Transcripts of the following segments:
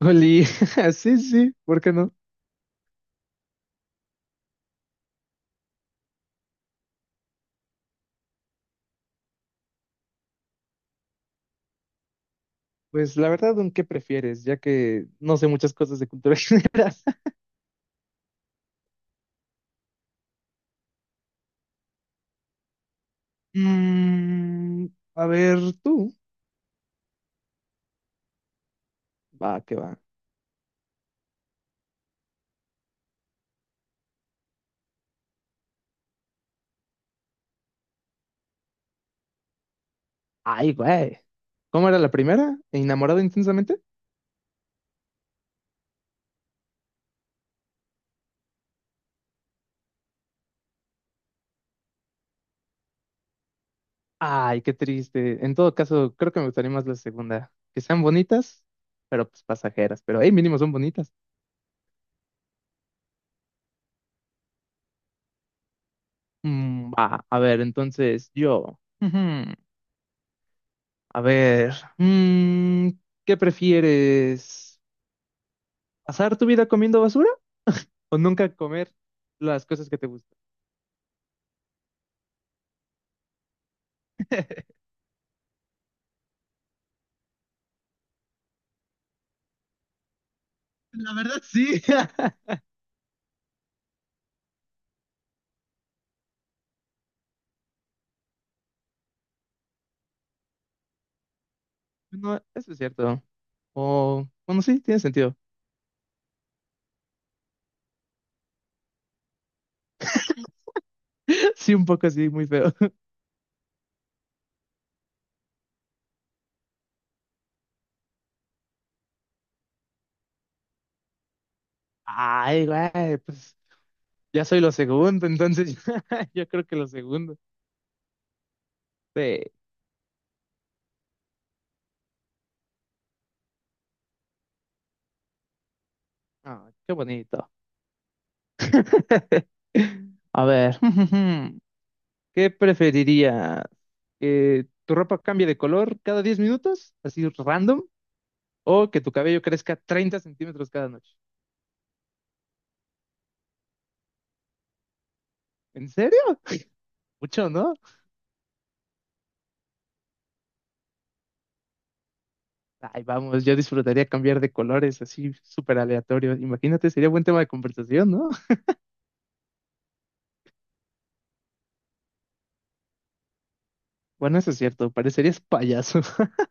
Oli, sí, sí, ¿por qué no? Pues la verdad, ¿un qué prefieres? Ya que no sé muchas cosas de cultura general. Mm, a ver, tú. Va, que va. Ay, güey. ¿Cómo era la primera? ¿Enamorado intensamente? Ay, qué triste. En todo caso, creo que me gustaría más la segunda. Que sean bonitas, pero pues pasajeras. Pero, hey, mínimo son bonitas. Va, a ver, entonces yo. Ujú. A ver, mm, ¿qué prefieres? ¿Pasar tu vida comiendo basura o nunca comer las cosas que te gustan? La verdad, sí. No, eso es cierto. O, bueno, sí, tiene sentido. Sí, un poco así, muy feo. Ay, güey, pues ya soy lo segundo, entonces yo creo que lo segundo. Sí. Ah, qué bonito. A ver, ¿qué preferirías? ¿Que tu ropa cambie de color cada 10 minutos, así random, o que tu cabello crezca 30 centímetros cada noche? ¿En serio? Mucho, ¿no? Ay, vamos, yo disfrutaría cambiar de colores, así súper aleatorio. Imagínate, sería buen tema de conversación, ¿no? Bueno, eso es cierto, parecerías payaso.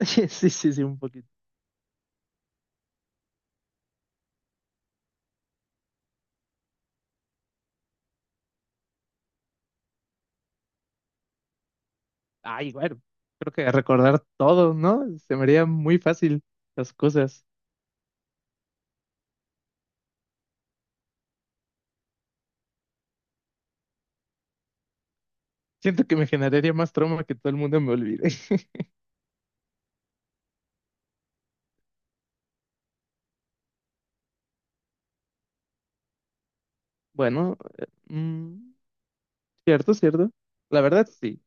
Sí, sí, sí, un poquito. Ay, bueno, creo que recordar todo, ¿no? Se me haría muy fácil las cosas. Siento que me generaría más trauma que todo el mundo me olvide. Bueno, mm, cierto, cierto. La verdad, sí.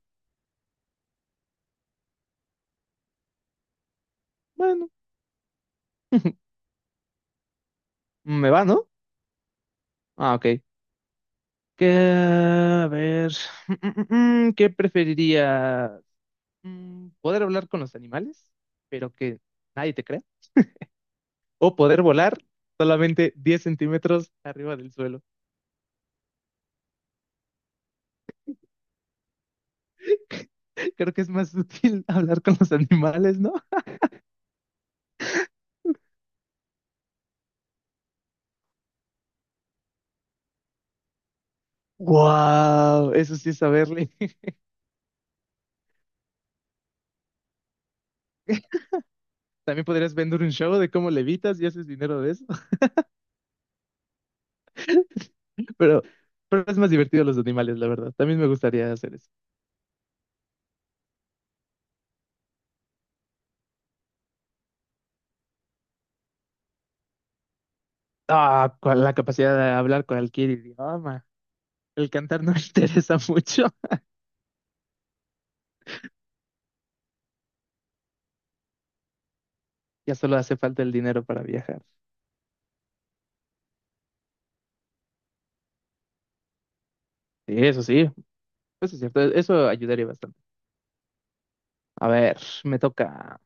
Bueno, me va, ¿no? Ah, ok. Que a ver, mm, mm, ¿qué preferiría? Poder hablar con los animales, pero que nadie te crea, o poder volar solamente 10 centímetros arriba del suelo. Creo que es más útil hablar con los animales, ¿no? ¡Wow! Eso sí es saberle. También podrías vender un show de cómo levitas y haces dinero de eso, pero, es más divertido los animales, la verdad. También me gustaría hacer eso. Ah, con la capacidad de hablar cualquier idioma. El cantar no me interesa mucho. Ya solo hace falta el dinero para viajar. Sí, eso sí, eso es cierto, eso ayudaría bastante. A ver, me toca.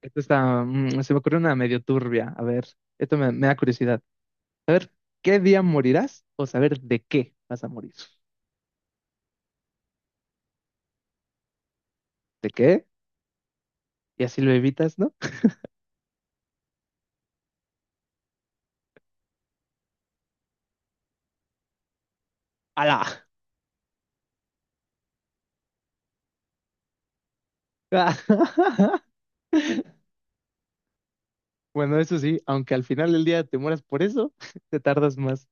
Esto está, se me ocurrió una medio turbia. A ver, esto me da curiosidad. ¿Qué día morirás o saber de qué vas a morir? ¿De qué? Y así lo evitas, ¿no? ¡Hala! Bueno, eso sí, aunque al final del día te mueras por eso, te tardas más.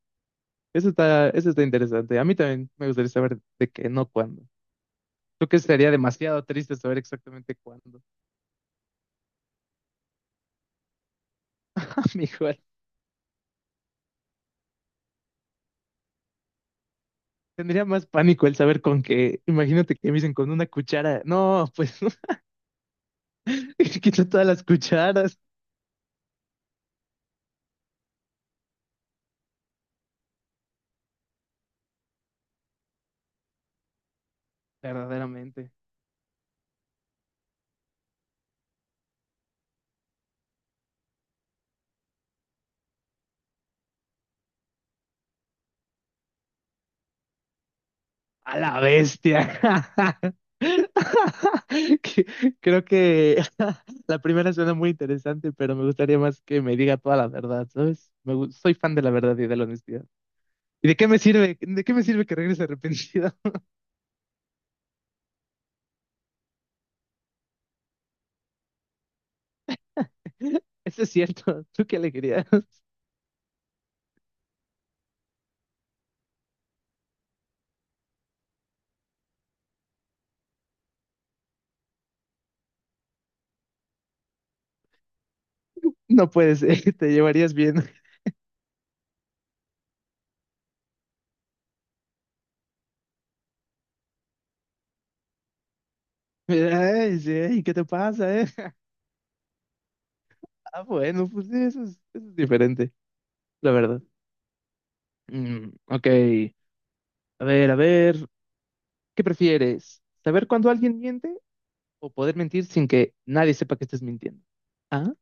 Eso está interesante. A mí también me gustaría saber de qué, no cuándo. Tú que sería demasiado triste saber exactamente cuándo, amigo. Tendría más pánico el saber con qué. Imagínate que me dicen con una cuchara. No, pues quito todas las cucharas. Verdaderamente. A la bestia. Que- Creo que la primera suena muy interesante, pero me gustaría más que me diga toda la verdad, ¿sabes? Me gu- soy fan de la verdad y de la honestidad. ¿Y de qué me sirve? ¿De qué me sirve que regrese arrepentido? Eso es cierto. ¿Tú qué alegría? No puedes. Te llevarías bien. Ay, sí, ¿qué te pasa, eh? Ah, bueno, pues sí, eso es diferente, la verdad. Ok, a ver, ¿qué prefieres? ¿Saber cuándo alguien miente o poder mentir sin que nadie sepa que estés mintiendo? ¿Ah?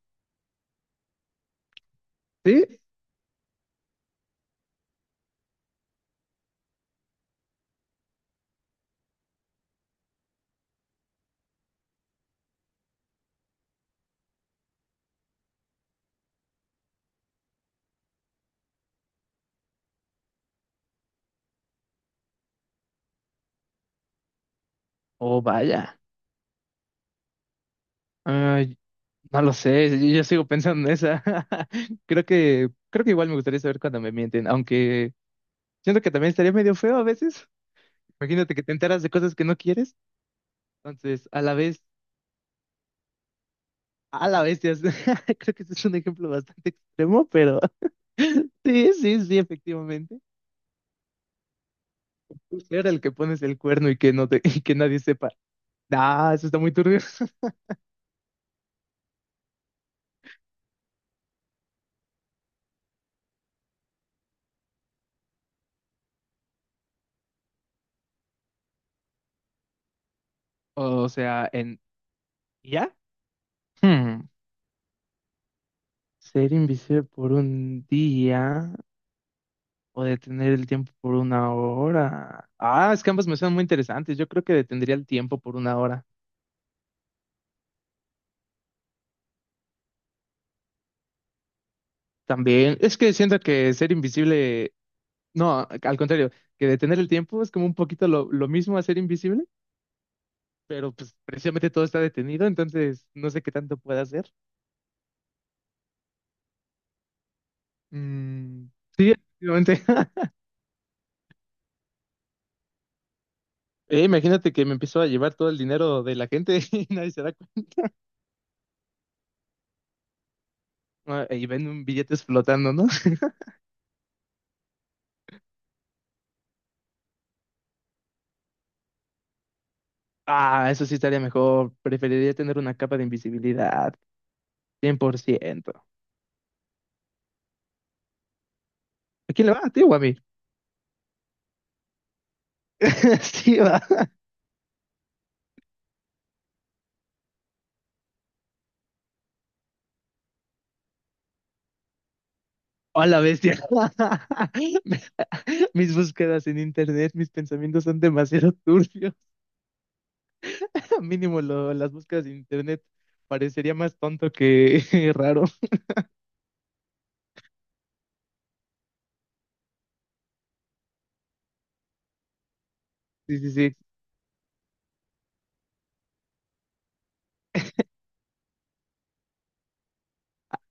¿Sí? Oh, vaya. Ay, no lo sé, yo sigo pensando en esa. Creo creo que igual me gustaría saber cuándo me mienten, aunque siento que también estaría medio feo a veces. Imagínate que te enteras de cosas que no quieres. Entonces, a la vez, a la vez, creo que ese es un ejemplo bastante extremo, pero... Sí, sí, sí, efectivamente. Tú era el que pones el cuerno y que no te, y que nadie sepa. Ah, eso está muy turbio. O sea, en ¿ya? Hmm. Ser invisible por un día o detener el tiempo por una hora. Ah, es que ambas me suenan muy interesantes. Yo creo que detendría el tiempo por una hora. También, es que siento que ser invisible, no, al contrario, que detener el tiempo es como un poquito lo mismo a ser invisible, pero pues precisamente todo está detenido, entonces no sé qué tanto puede hacer. Mm, sí, efectivamente. Imagínate que me empiezo a llevar todo el dinero de la gente y nadie se da cuenta. Ah, y ven un billetes flotando, ¿no? Ah, eso sí estaría mejor. Preferiría tener una capa de invisibilidad, 100%. ¿A quién le va? ¿A ti o a mí? Sí, va. Hola, bestia. Me- Mis búsquedas en internet, mis pensamientos son demasiado turbios. Mínimo lo- las búsquedas en internet parecería más tonto que raro. Sí, sí, sí,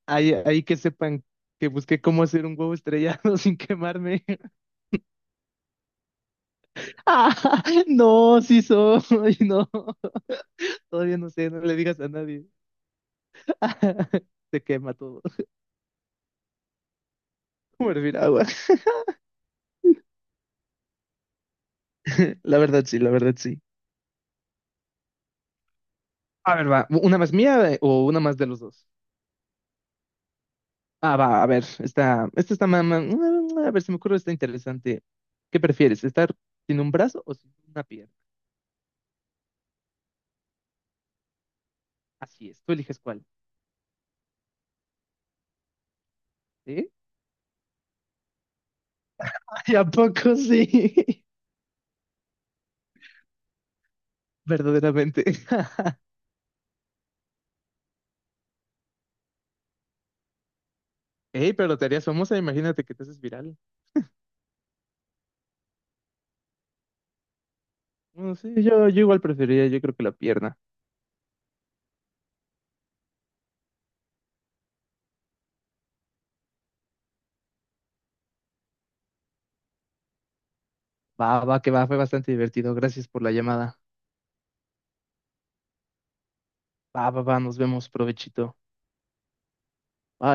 ahí, ahí que sepan que busqué cómo hacer un huevo estrellado sin quemarme. Ah, no, sí soy, no. Todavía no sé, no le digas a nadie. Se quema todo. Como hervir agua. La verdad sí, la verdad sí. A ver, va, ¿una más mía o una más de los dos? Ah, va, a ver, esta está más, a ver, se me ocurre, está interesante. ¿Qué prefieres, estar sin un brazo o sin una pierna? Así es, tú eliges cuál, ¿sí? Ay, ¿a poco sí? Verdaderamente. Ey, pero te harías famosa, imagínate que te haces viral. No sé, yo igual preferiría, yo creo que la pierna. Va, va, que va, fue bastante divertido. Gracias por la llamada. Va, va, va, nos vemos, provechito. Bye.